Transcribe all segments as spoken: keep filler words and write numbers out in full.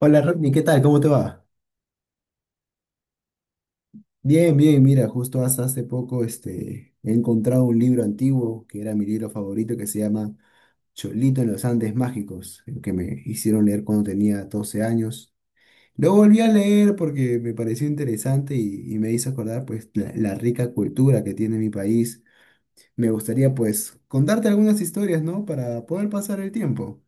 Hola Rodney, ¿qué tal? ¿Cómo te va? Bien, bien, mira, justo hasta hace poco este, he encontrado un libro antiguo que era mi libro favorito que se llama Cholito en los Andes Mágicos, el que me hicieron leer cuando tenía doce años. Lo volví a leer porque me pareció interesante y, y me hizo acordar pues la, la rica cultura que tiene mi país. Me gustaría pues contarte algunas historias, ¿no? Para poder pasar el tiempo.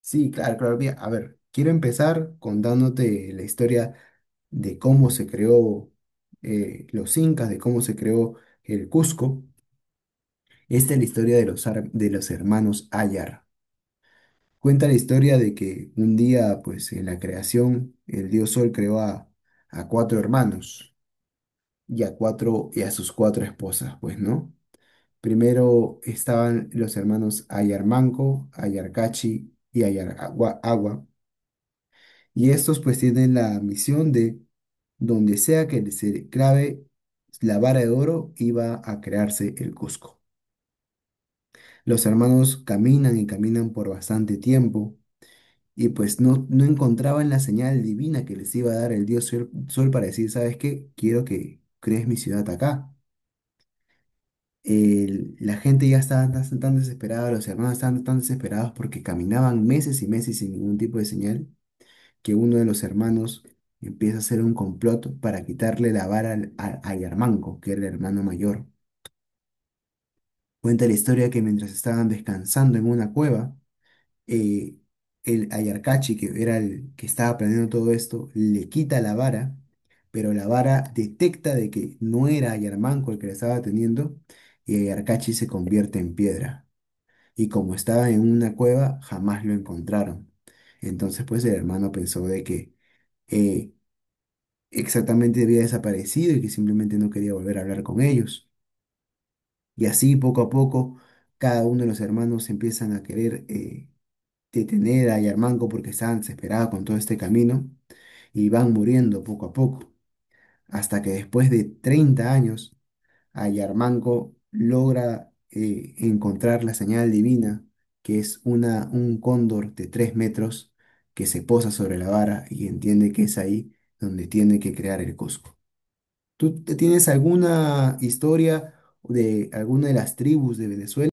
Sí, claro, claro. Mira, a ver, quiero empezar contándote la historia de cómo se creó eh, los incas, de cómo se creó el Cusco. Esta es la historia de los, ar- de los hermanos Ayar. Cuenta la historia de que un día, pues en la creación, el dios Sol creó a, a cuatro hermanos y a cuatro y a sus cuatro esposas, pues, ¿no? Primero estaban los hermanos Ayar Manco, Ayar Cachi y Ayar Agua. Y estos pues tienen la misión de, donde sea que se clave la vara de oro, iba a crearse el Cusco. Los hermanos caminan y caminan por bastante tiempo y pues no, no encontraban la señal divina que les iba a dar el dios sol, Sol para decir, ¿sabes qué? Quiero que crees mi ciudad acá. El- la gente ya estaba tan, tan desesperada, los hermanos estaban tan desesperados porque caminaban meses y meses sin ningún tipo de señal que uno de los hermanos empieza a hacer un complot para quitarle la vara al- a, a Yarmanco, que era el hermano mayor. Cuenta la historia que mientras estaban descansando en una cueva, eh, el Ayarcachi, que era el que estaba planeando todo esto, le quita la vara, pero la vara detecta de que no era Ayarmanco el que la estaba teniendo, y Ayarcachi se convierte en piedra. Y como estaba en una cueva, jamás lo encontraron. Entonces, pues el hermano pensó de que eh, exactamente había desaparecido y que simplemente no quería volver a hablar con ellos. Y así poco a poco cada uno de los hermanos empiezan a querer eh, detener a Yarmanco porque estaban desesperados con todo este camino y van muriendo poco a poco. Hasta que después de treinta años a Yarmanco logra eh, encontrar la señal divina, que es una, un cóndor de tres metros que se posa sobre la vara y entiende que es ahí donde tiene que crear el Cusco. ¿Tú te- tienes alguna historia de alguna de las tribus de Venezuela?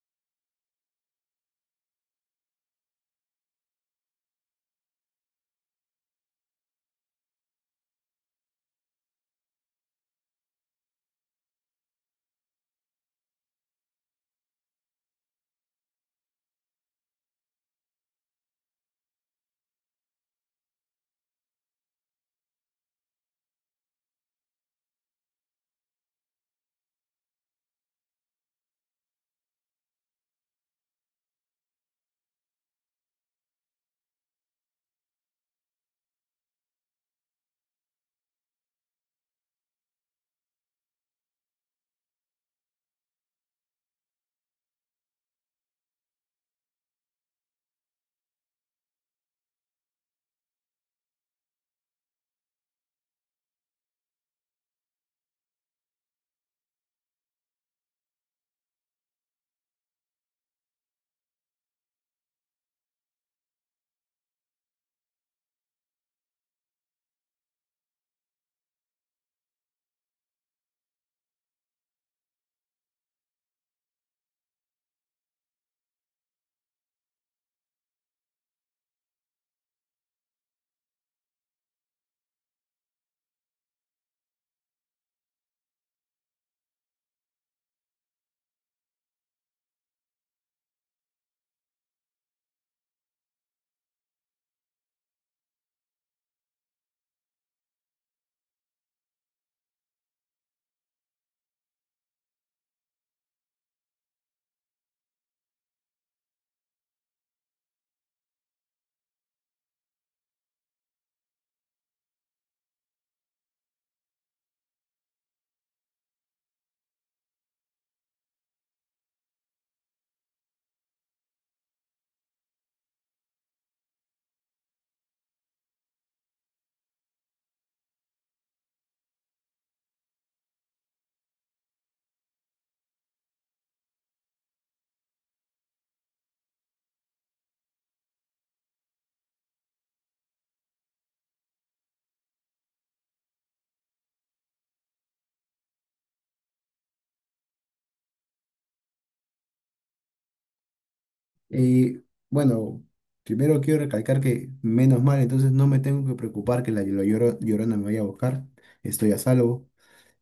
Eh, bueno, primero quiero recalcar que menos mal, entonces no me tengo que preocupar que la, la lloro- llorona me vaya a buscar, estoy a salvo.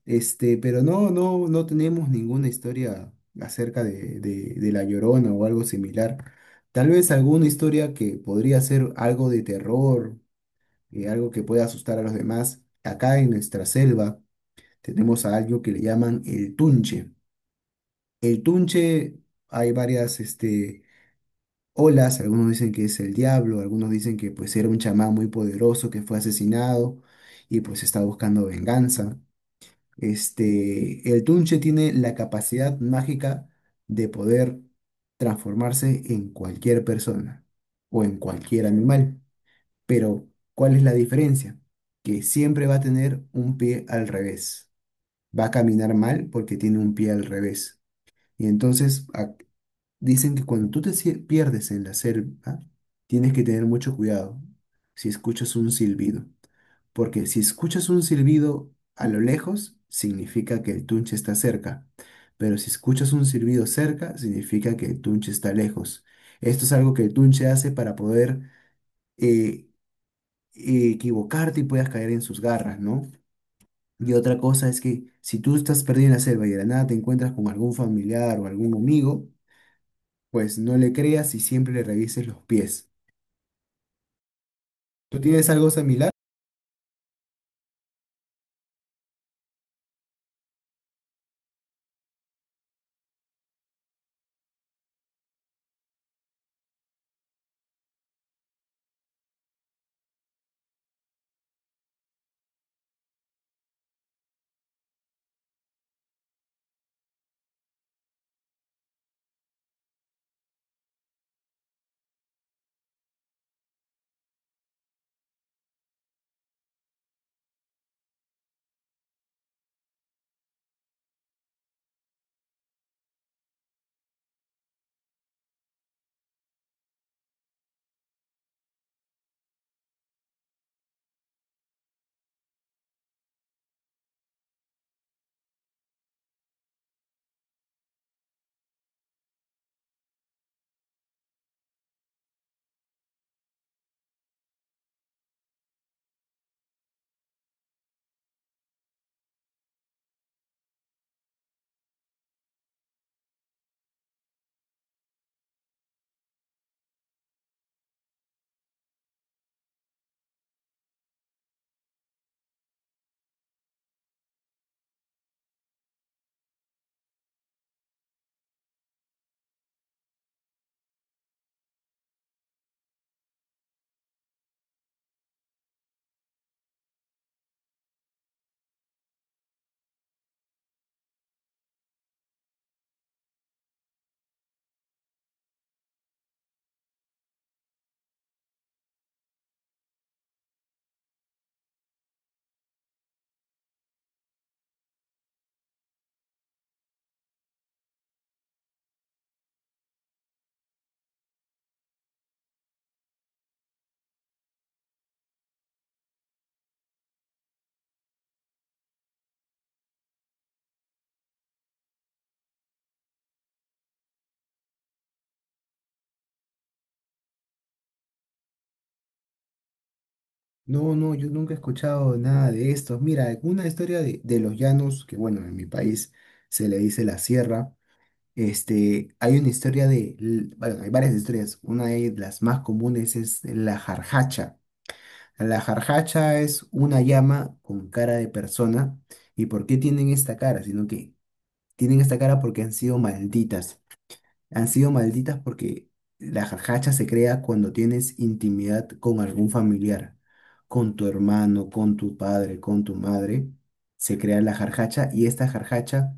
Este, pero no, no, no tenemos ninguna historia acerca de, de, de la llorona o algo similar. Tal vez alguna historia que podría ser algo de terror, eh, algo que pueda asustar a los demás. Acá en nuestra selva tenemos a algo que le llaman el tunche. El Tunche, hay varias este, olas, algunos dicen que es el diablo, algunos dicen que pues era un chamán muy poderoso que fue asesinado y pues está buscando venganza. Este, El Tunche tiene la capacidad mágica de poder transformarse en cualquier persona o en cualquier animal, pero ¿cuál es la diferencia? Que siempre va a tener un pie al revés, va a caminar mal porque tiene un pie al revés. Y entonces, a- dicen que cuando tú te sie- pierdes en la selva, tienes que tener mucho cuidado si escuchas un silbido, porque si escuchas un silbido a lo lejos, significa que el tunche está cerca, pero si escuchas un silbido cerca, significa que el tunche está lejos. Esto es algo que el tunche hace para poder eh, equivocarte y puedas caer en sus garras, ¿no? Y otra cosa es que si tú estás perdido en la selva y de la nada te encuentras con algún familiar o algún amigo, pues no le creas y siempre le revises los pies. ¿Tú tienes algo similar? No, no, yo nunca he escuchado nada de esto. Mira, una historia de, de los llanos, que bueno, en mi país se le dice la sierra. Este, hay una historia de, l- bueno, hay varias historias. Una de las más comunes es la jarjacha. La jarjacha es una llama con cara de persona. ¿Y por qué tienen esta cara? Sino que tienen esta cara porque han sido malditas. Han sido malditas porque la jajacha se crea cuando tienes intimidad con algún familiar, con tu hermano, con tu padre, con tu madre. Se crea la jarjacha y esta jarjacha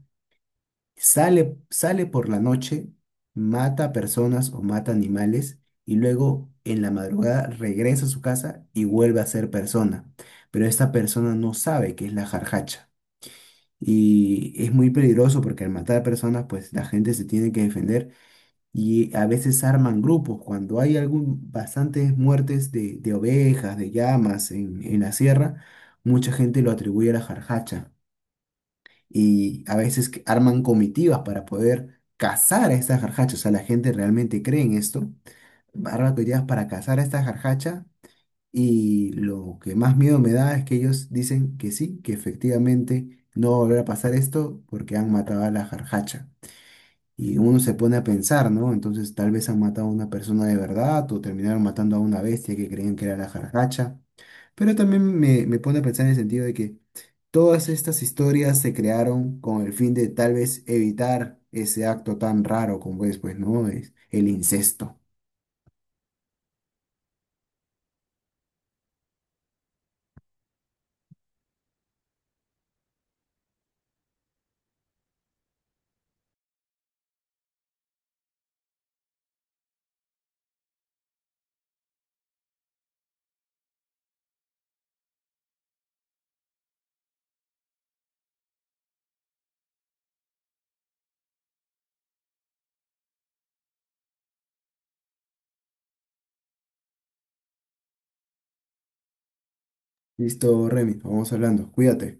sale, sale por la noche, mata personas o mata animales y luego en la madrugada regresa a su casa y vuelve a ser persona. Pero esta persona no sabe qué es la jarjacha. Y es muy peligroso porque al matar personas, pues la gente se tiene que defender y a veces arman grupos. Cuando hay algún, bastantes muertes de, de ovejas, de llamas en, en la sierra, mucha gente lo atribuye a la jarjacha. Y a veces que arman comitivas para poder cazar a estas jarjachas. O sea, la gente realmente cree en esto. Arman comitivas para cazar a esta jarjacha. Y lo que más miedo me da es que ellos dicen que sí, que efectivamente no va a volver a pasar esto porque han matado a la jarjacha. Y uno se pone a pensar, ¿no? Entonces tal vez han matado a una persona de verdad o terminaron matando a una bestia que creían que era la jarracacha. Pero también me, me pone a pensar en el sentido de que todas estas historias se crearon con el fin de tal vez evitar ese acto tan raro como es, pues, ¿no? Es el incesto. Listo, Remy, vamos hablando. Cuídate.